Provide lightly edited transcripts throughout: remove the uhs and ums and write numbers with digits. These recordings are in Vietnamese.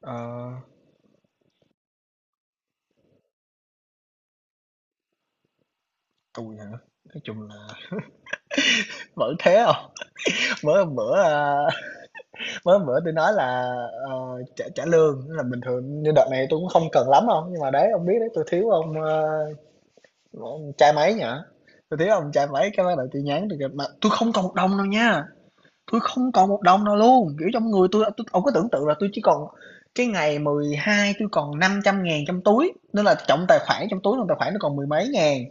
Ờ, tui hả? Nói chung là vẫn thế không. Mới hôm bữa, mới hôm bữa tui nói là, trả trả lương, tức là bình thường như đợt này tôi cũng không cần lắm đâu, nhưng mà đấy, ông biết đấy, tôi thiếu ông, ông cha máy nhở, tôi thiếu ông cha máy cái bắt đầu tôi nhắn tui kêu mà tôi không còn 1 đồng đâu nha. Tôi không còn một đồng nào luôn, kiểu, trong người tui ông có tưởng tượng là tôi chỉ còn cái ngày 12 tôi còn năm trăm ngàn trong túi, nên là trong tài khoản trong túi trong tài khoản nó còn mười mấy ngàn,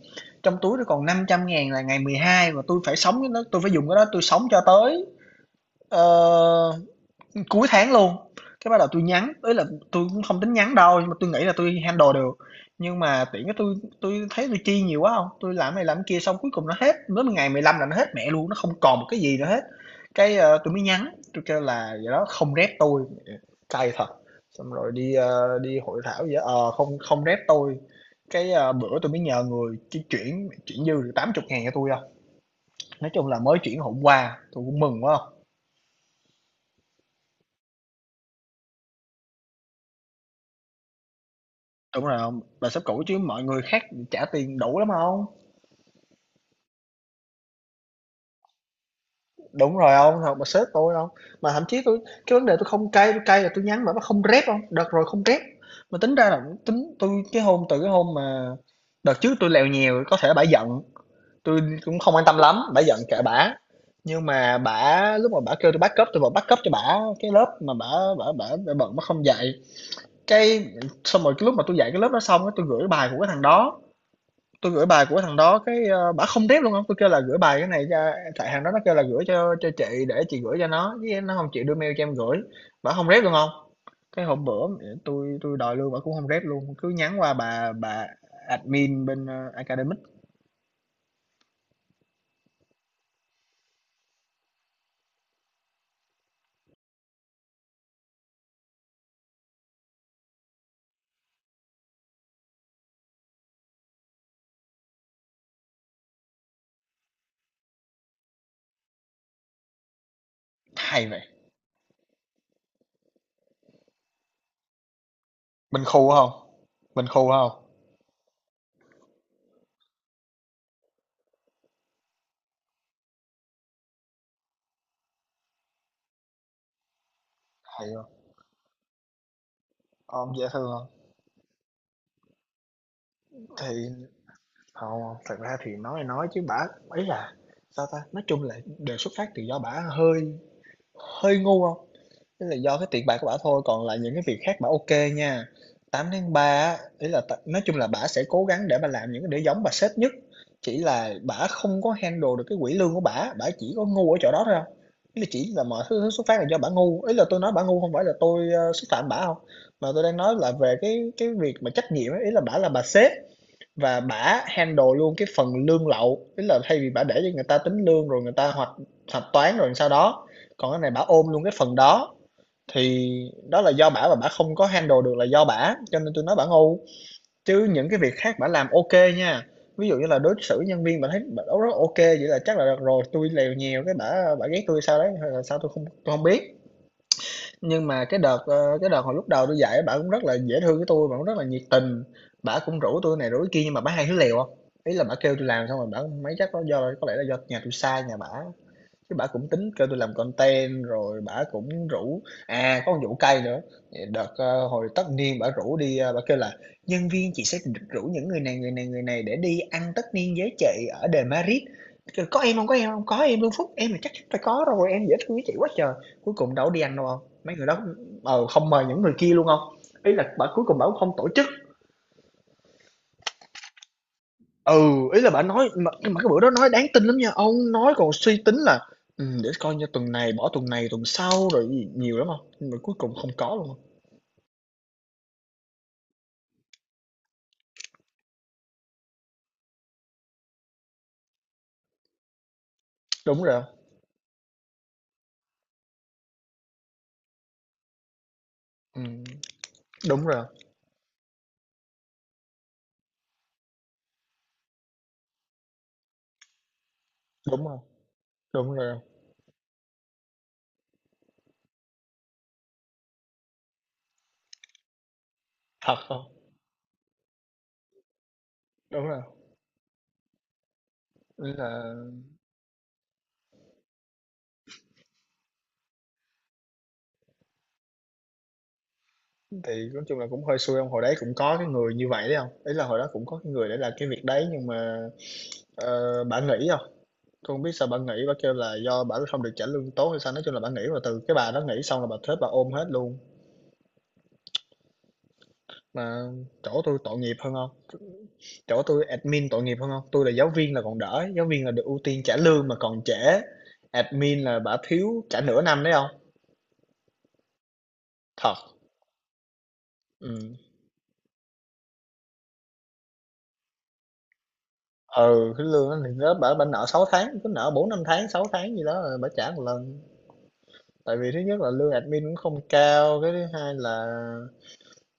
trong túi nó còn năm trăm ngàn là ngày 12 và tôi phải sống với nó, tôi phải dùng cái đó tôi sống cho tới, ờ cuối tháng luôn, cái bắt đầu tôi nhắn, ấy là tôi cũng không tính nhắn đâu, nhưng mà tôi nghĩ là tôi handle được. Nhưng mà tiện cái tôi thấy tôi chi nhiều quá không, tôi làm này làm kia xong cuối cùng nó hết, đến ngày 15 là nó hết mẹ luôn, nó không còn một cái gì nữa hết. Tui mới nhắn, tôi kêu là "Vậy đó, không rep tôi, cay thật, xong rồi đi, đi hội thảo vậy, không không rep tôi." Bữa tôi mới nhờ người chi chuyển chuyển dư được tám chục ngàn cho tôi không. Nói chung là mới chuyển hôm qua, tôi cũng mừng quá. Đúng rồi hông? Bà sếp cũ chứ mọi người khác trả tiền đủ lắm hông? Đúng rồi ông, hông, bà sếp tôi không. Mà thậm chí tôi cái vấn đề tôi không cay, tôi cay là tôi nhắn mà nó không rep không, đợt rồi không rep. Mà tính ra là tính tôi cái hôm từ cái hôm mà đợt trước tôi lèo nhèo có thể bả giận, tôi cũng không quan tâm lắm, bả giận kệ bả. Nhưng mà bả lúc mà bả kêu tui backup, tôi vẫn backup cho bả cái lớp mà bả bả bả bả bận bả không dạy. Cái xong rồi cái lúc mà tôi dạy cái lớp đó xong á, tôi gửi bài của cái thằng đó. Tôi gửi bài của thằng đó cái, bả không rep luôn không, tôi kêu là "Gửi bài cái này cho", tại hàng đó nó kêu là "Gửi cho chị để chị gửi cho nó", chứ nó không chịu đưa mail cho em gửi, bả không rep luôn không. Cái hôm bữa tôi đòi lương bả cũng không rep luôn, cứ nhắn qua bà admin bên, Academic. Hay vậy, mình khu không. Mình khu không. Hay hông? Ôm dễ thương hông? Thì hông, thật ra thì nói chứ bả ấy là, sao ta, nói chung là đều xuất phát từ do bả hơi hơi ngu không. Thế là do cái tiền bạc của bả thôi, còn lại những cái việc khác bả OK nha. Tám tháng 3 á, ý là t nói chung là bả sẽ cố gắng để bả làm những cái để giống bà sếp nhất, chỉ là bả không có handle được cái quỹ lương của bả, bả chỉ có ngu ở chỗ đó thôi hông? Ý là chỉ là mọi thứ xuất phát là do bả ngu, ý là tôi nói bả ngu không phải là tôi, xúc phạm bả không, mà tôi đang nói là về cái việc mà trách nhiệm ấy, ý là bả là bà sếp và bả handle luôn cái phần lương lậu, ý là thay vì bả để cho người ta tính lương rồi người ta hoạch hạch toán rồi sau đó, còn cái này bả ôm luôn cái phần đó. Thì đó là do bả và bả không có handle được là do bả cho nên tôi nói bả ngu, chứ những cái việc khác bả làm ok nha. Ví dụ như là đối xử nhân viên bả thấy bả rất rất ok vậy là chắc là được rồi, tôi lèo nhiều cái bả bả ghét tôi sao đấy hay là sao tôi không, tôi không biết. Nhưng mà cái đợt cái đợt hồi lúc đầu tôi dạy bả cũng rất là dễ thương với tôi, bả cũng rất là nhiệt tình, bả cũng rủ tôi này rủ cái kia nhưng mà bả hay hứa lèo không. Ý là bả kêu tôi làm xong rồi bả mấy chắc có do có lẽ là do nhà tôi sai nhà bả, cái bả cũng tính kêu tôi làm content rồi bả cũng rủ à, có một vụ cay nữa. Đợt, hồi tất niên bả rủ đi, bả kêu là "Nhân viên chị sẽ rủ những người này, người này, người này để đi ăn tất niên với chị ở đền Madrid." Kêu "Có em không, có em không?" "Có em luôn Phúc, em là chắc chắn phải có rồi, em dễ thương với chị quá trời." Cuối cùng đâu có đi ăn đâu ông, mấy người đó, ừ, không mời những người kia luôn không. Ý là bà cuối cùng bảo không tổ chức. Ừ, ý là bà nói mà nhưng mà cái bữa đó nói đáng tin lắm nha, ông nói còn suy tính là để coi như tuần này bỏ tuần này tuần sau rồi gì nhiều lắm không." Nhưng mà cuối cùng không có luôn. Đúng rồi hông? Đúng rồi. Đúng không? Đúng rồi. Thật không? Đúng rồi. Ý là thì nói chung là cũng hơi xui ông, hồi đấy cũng có cái người như vậy đấy không, ý là hồi đó cũng có cái người để làm cái việc đấy nhưng mà, bả nghỉ không. Tôi hông biết sao bà nghỉ, bà kêu là do bà không được trả lương tốt hay sao, nói chung là bà nghỉ rồi từ cái bà đó nghỉ xong là bà thuế bà ôm hết luôn. Mà chỗ tôi tội nghiệp hơn không, chỗ tôi admin tội nghiệp hơn không, tôi là giáo viên là còn đỡ, giáo viên là được ưu tiên trả lương mà còn trễ, admin là bả thiếu trả nửa năm đấy không. Thật. Ừ. Ừ, cái lương đó thì nó bả bả nợ 6 tháng, cứ nợ 4 5 tháng 6 tháng gì đó rồi bả trả một lần, tại vì thứ nhất là lương admin cũng không cao, cái thứ hai là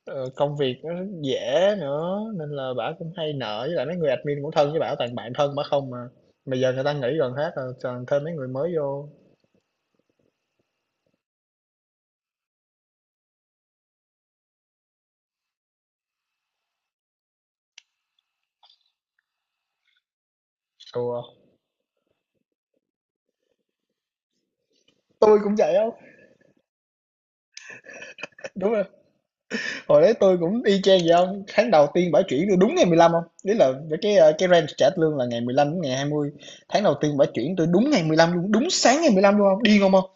ờ, công việc nó rất dễ nữa nên là bả cũng hay nợ, với lại mấy người admin cũng thân với bả, toàn bạn thân bả không mà bây giờ người ta nghỉ gần hết rồi, toàn thêm mấy người mới vô. Đùa, tôi cũng vậy hông? Đúng rồi, hồi đấy tôi cũng y chang vậy không. Tháng đầu tiên bả chuyển tôi đúng ngày mười lăm không? Ý là mấy cái, cái range trả lương là ngày 15 đến ngày 20. Tháng đầu tiên bả chuyển tôi đúng ngày 15 luôn, đúng sáng ngày 15 luôn không? Điên không ông?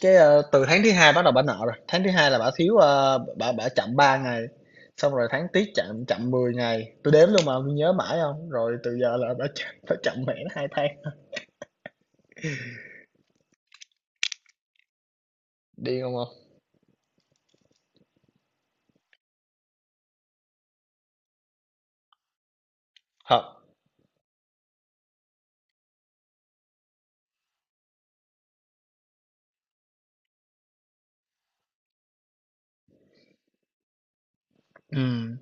Từ tháng thứ hai bắt đầu bả nợ rồi, tháng thứ hai là bả thiếu, bả bả chậm 3 ngày, xong rồi tháng tiếp chậm chậm 10 ngày, tôi đếm luôn mà tôi nhớ mãi không? Rồi từ giờ là bả chậm mẹ nó 2 tháng, điên không ông? Thật, ừm,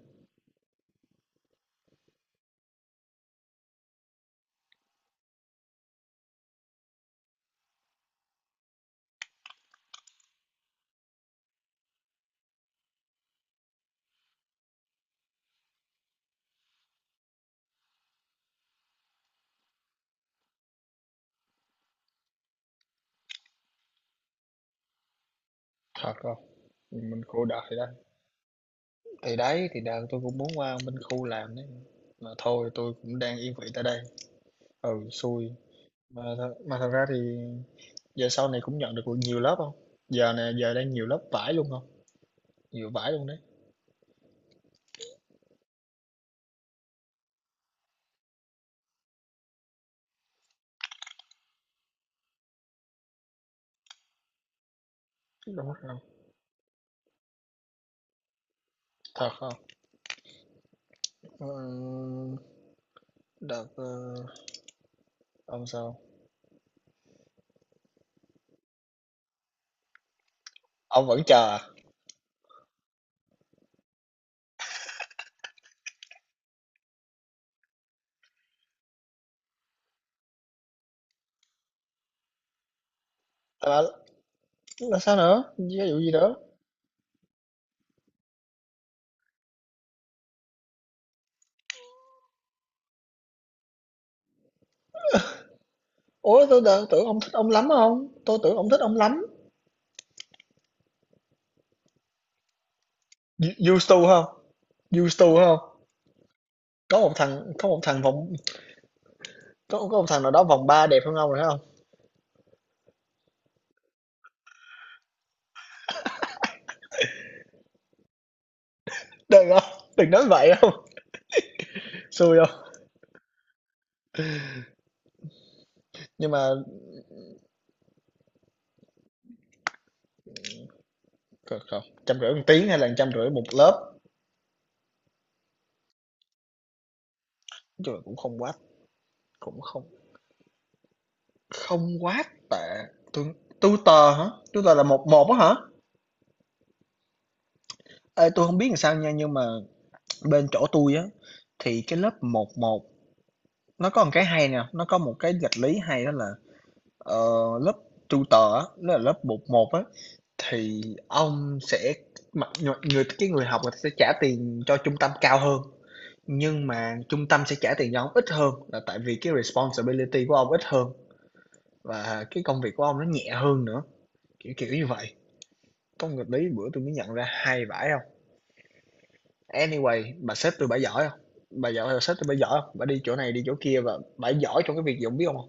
thật không. Mình khổ đời đấy. Thì đấy, thì đợt tôi cũng muốn qua bên khu làm đấy. Mà thôi tôi cũng đang yên vị tại đây. Ừ, xui. Mà, th mà thật ra thì giờ sau này cũng nhận được nhiều lớp không? Giờ này giờ đang nhiều lớp vải luôn không? Nhiều vải luôn đấy. Đúng không? Thật không? Ừ, đợt ông sao? Ông vẫn chờ à? Là, là sao nữa? Ví dụ gì nữa? Ủa tôi đợt tưởng ông thích ông lắm không? Tôi tưởng ông thích ông lắm. Used to không? Used to không? Có một thằng có một thằng vòng có ông thằng nào đó vòng 3 đẹp hơn ông rồi không? Hông? Đừng hông, đừng nói vậy không? Xui hông? Nhưng mà không, 150 1 tiếng hay là trăm rưỡi một lớp, trời, cũng không quá, cũng không không quá tệ. Tui tutor hả? Tutor là một một á hả? Ê, tui hông biết làm sao nha, nhưng mà bên chỗ tôi á, thì cái lớp một một, nó có một cái hay nè, nó có một cái nghịch lý hay đó là, ờ, lớp tutor á, nó là lớp một một á, thì ông sẽ mặc người người cái người học người ta sẽ trả tiền cho trung tâm cao hơn. Nhưng mà trung tâm sẽ trả tiền cho ông ít hơn là tại vì cái responsibility của ông ít hơn và cái công việc của ông nó nhẹ hơn nữa, kiểu kiểu như vậy. Có một nghịch lý bữa tôi mới nhận ra hay vãi không? Anyway, bà sếp tôi bả giỏi không? Bà giỏi, bà sếp tôi bả giỏi không? Bả đi chỗ này đi chỗ kia và bả giỏi trong cái việc gì ông biết không?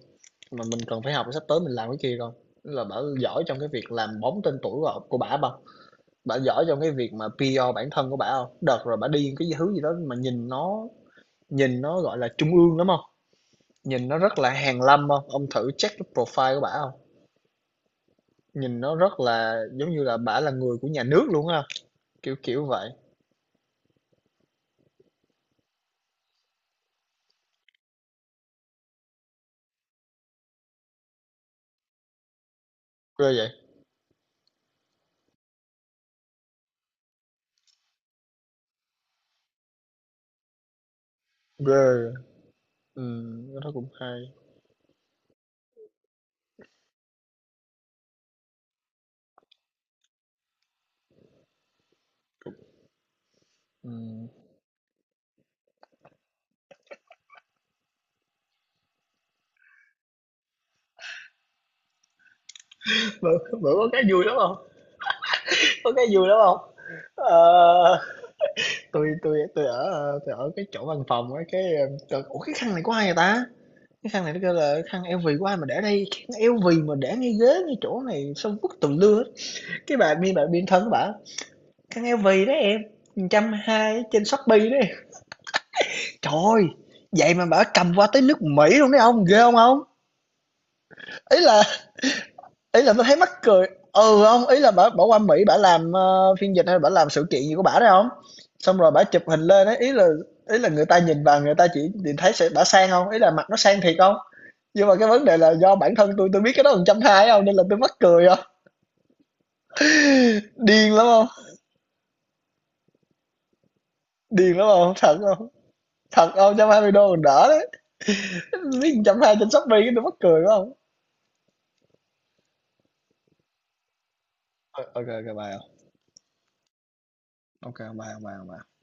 Mà mình cần phải học sắp tới mình làm cái kia không? Là bả giỏi trong cái việc làm bóng tên tuổi của, bả không? Bả giỏi trong cái việc mà PR bản thân của bả không? Đợt rồi bả đi cái thứ gì đó mà nhìn nó gọi là trung ương lắm không? Nhìn nó rất là hàn lâm không? Ông thử check cái profile của bả không? Nhìn nó rất là giống như là bả là người của nhà nước luôn á, kiểu vậy. Ghê vậy, ghê, cái cũng hay, ừm. Bữa bữa có cái vui lắm không. Có cái vui lắm không. Ờ, tôi ở cái chỗ văn phòng á, cái, trời, ủa, cái khăn này của ai vậy ta? Cái khăn này nó kêu là "Khăn LV của ai mà để đây? Khăn LV mà để ngay ghế, ngay chỗ này sao vứt tùm lưa hết?" Cái bà biên thân của bả, khăn eo vì đó em, 120 ở trên Shopee đó em. Trời ơi, vậy mà bảo cầm qua tới nước Mỹ luôn đấy ông, ghê không ông? Ý là ý là tôi thấy mắc cười. Ừ không, ý là bảo bảo qua Mỹ bảo làm phiên dịch hay bảo làm sự kiện gì của bả đấy không? Xong rồi bảo chụp hình lên ấy, ý là người ta nhìn vào người ta chỉ nhìn thấy sẽ bả sang không? Ý là mặt nó sang thiệt không? Nhưng mà cái vấn đề là do bản thân tôi biết cái đó 120 không, nên là tôi mắc cười không? Điên lắm không? Điên lắm không? Thật không? Thật không? Một trăm hai mươi đô còn đỡ đấy. Biết 120 trên Shopee cái tôi mắc cười quá không? Ok ok ok bye ok bye bye bye